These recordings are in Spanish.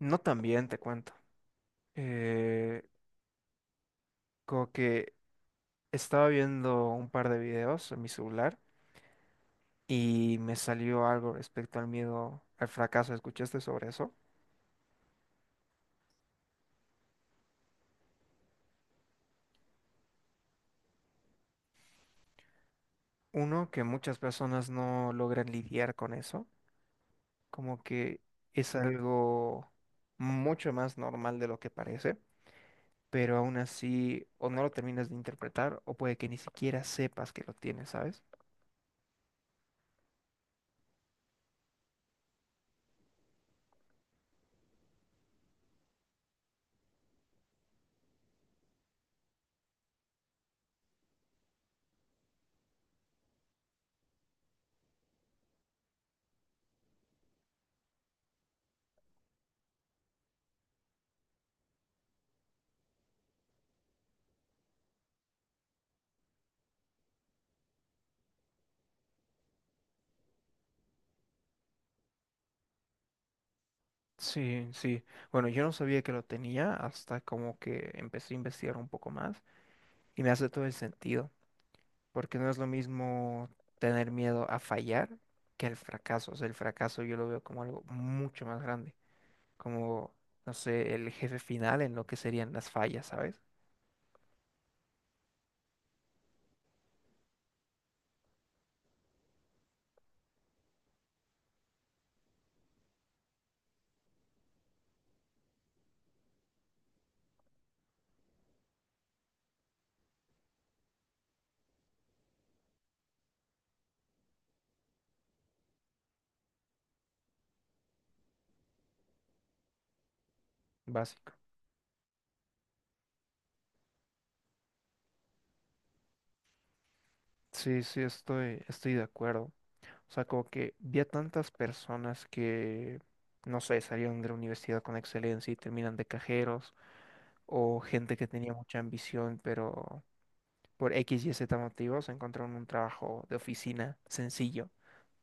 No, también te cuento. Eh, Como que estaba viendo un par de videos en mi celular y me salió algo respecto al miedo al fracaso. ¿Escuchaste sobre eso? Uno, que muchas personas no logran lidiar con eso, como que es algo mucho más normal de lo que parece, pero aún así o no lo terminas de interpretar o puede que ni siquiera sepas que lo tienes, ¿sabes? Sí, sí. Bueno, yo no sabía que lo tenía hasta como que empecé a investigar un poco más y me hace todo el sentido, porque no es lo mismo tener miedo a fallar que el fracaso. O sea, el fracaso yo lo veo como algo mucho más grande, como, no sé, el jefe final en lo que serían las fallas, ¿sabes? Básico. Sí, sí, estoy de acuerdo. O sea, como que vi a tantas personas que, no sé, salieron de la universidad con excelencia y terminan de cajeros o gente que tenía mucha ambición, pero por X y Z motivos encontraron un trabajo de oficina sencillo,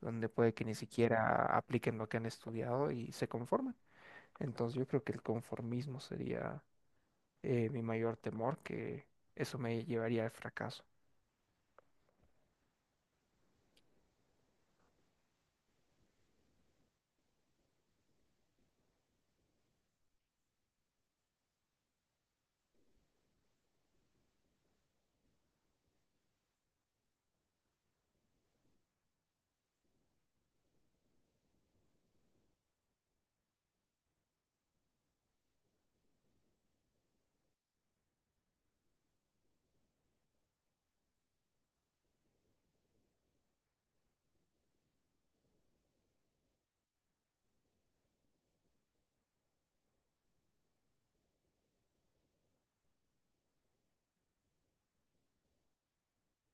donde puede que ni siquiera apliquen lo que han estudiado y se conforman. Entonces yo creo que el conformismo sería mi mayor temor, que eso me llevaría al fracaso.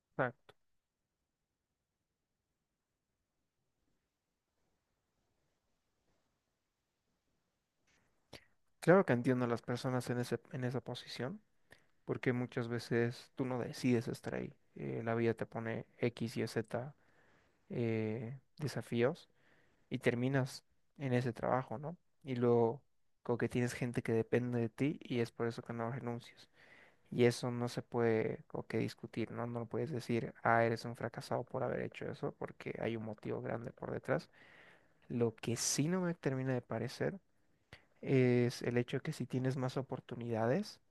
Exacto. Claro que entiendo a las personas en en esa posición, porque muchas veces tú no decides estar ahí. La vida te pone X y Z desafíos y terminas en ese trabajo, ¿no? Y luego como que tienes gente que depende de ti y es por eso que no renuncias. Y eso no se puede como que discutir, ¿no? No lo puedes decir, ah, eres un fracasado por haber hecho eso, porque hay un motivo grande por detrás. Lo que sí no me termina de parecer es el hecho que si tienes más oportunidades,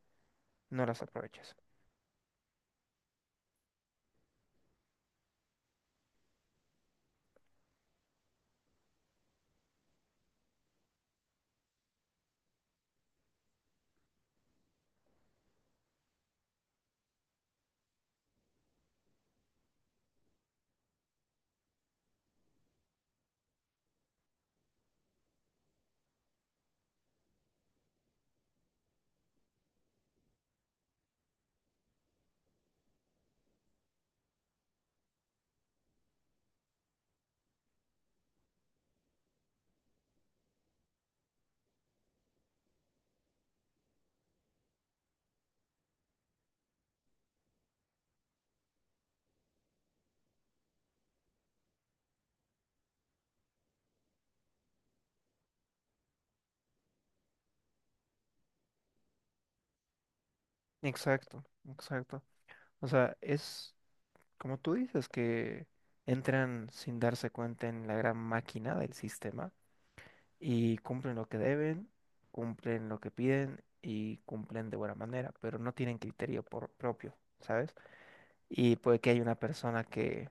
no las aprovechas. Exacto, exacto. O sea, es como tú dices que entran sin darse cuenta en la gran máquina del sistema y cumplen lo que deben, cumplen lo que piden y cumplen de buena manera, pero no tienen criterio por propio, ¿sabes? Y puede que haya una persona que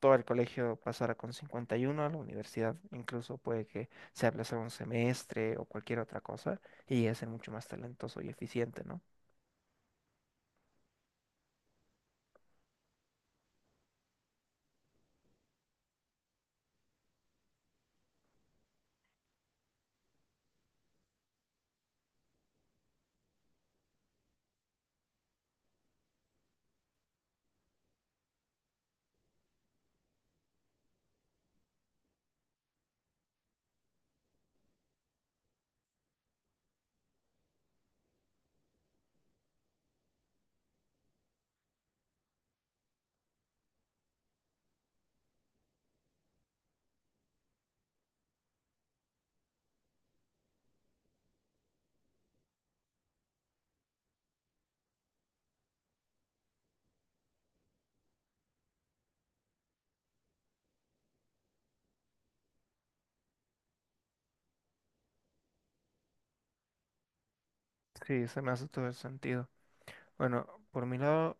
todo el colegio pasara con 51 a la universidad, incluso puede que se aplazara un semestre o cualquier otra cosa y es mucho más talentoso y eficiente, ¿no? Sí, se me hace todo el sentido. Bueno, por mi lado,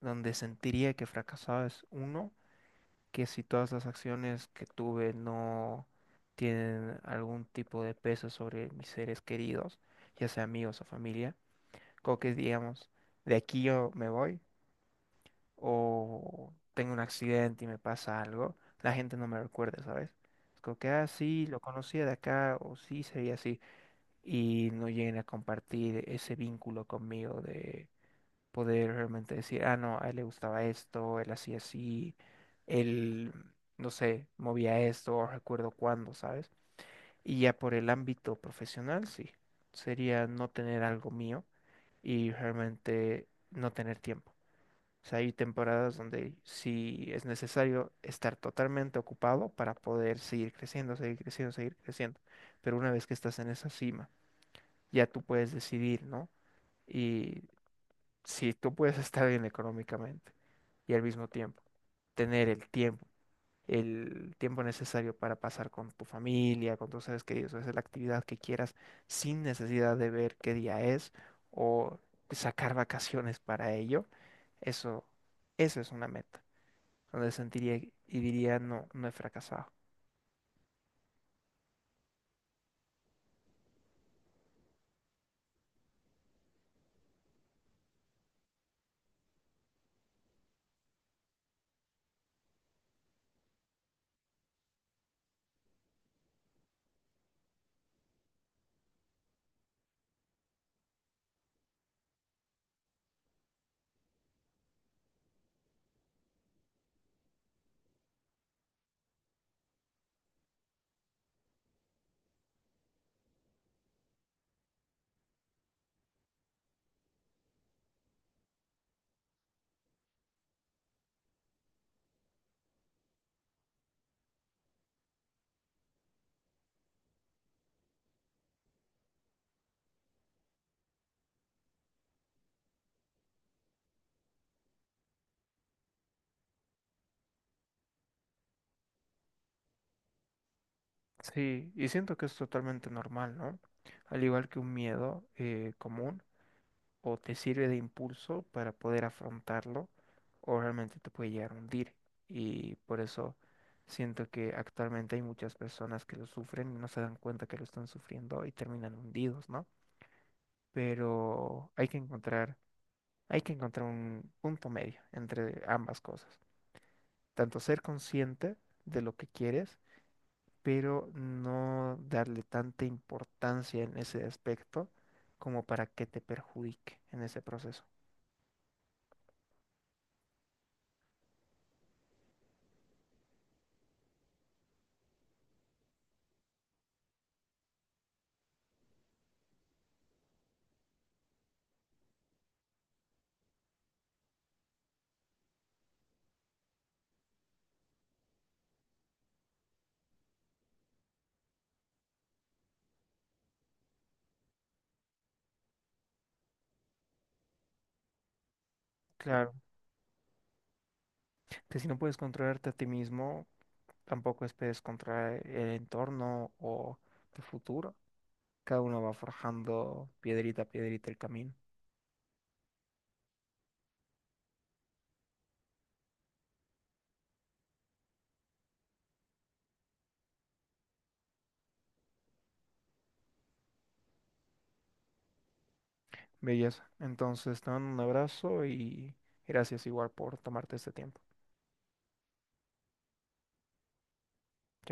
donde sentiría que fracasaba es uno. Que si todas las acciones que tuve no tienen algún tipo de peso sobre mis seres queridos, ya sea amigos o familia, como que digamos, de aquí yo me voy o tengo un accidente y me pasa algo, la gente no me recuerda, ¿sabes? Es como que, ah, sí, lo conocía de acá o sí, sería así, y no lleguen a compartir ese vínculo conmigo de poder realmente decir, ah, no, a él le gustaba esto, él hacía así, él, no sé, movía esto, o recuerdo cuándo, ¿sabes? Y ya por el ámbito profesional, sí, sería no tener algo mío y realmente no tener tiempo. O sea, hay temporadas donde sí es necesario estar totalmente ocupado para poder seguir creciendo, seguir creciendo, seguir creciendo. Pero una vez que estás en esa cima, ya tú puedes decidir, ¿no? Y si tú puedes estar bien económicamente y al mismo tiempo tener el tiempo necesario para pasar con tu familia, con tus seres queridos, hacer la actividad que quieras sin necesidad de ver qué día es o sacar vacaciones para ello, eso, eso es una meta, donde sentiría y diría no, no he fracasado. Sí, y siento que es totalmente normal, ¿no? Al igual que un miedo común, o te sirve de impulso para poder afrontarlo o realmente te puede llegar a hundir. Y por eso siento que actualmente hay muchas personas que lo sufren y no se dan cuenta que lo están sufriendo y terminan hundidos, ¿no? Pero hay que encontrar un punto medio entre ambas cosas. Tanto ser consciente de lo que quieres, pero no darle tanta importancia en ese aspecto como para que te perjudique en ese proceso. Claro. Que si no puedes controlarte a ti mismo, tampoco esperes controlar el entorno o tu futuro. Cada uno va forjando piedrita a piedrita el camino. Belleza. Entonces, te mando un abrazo y gracias igual por tomarte este tiempo. Chao.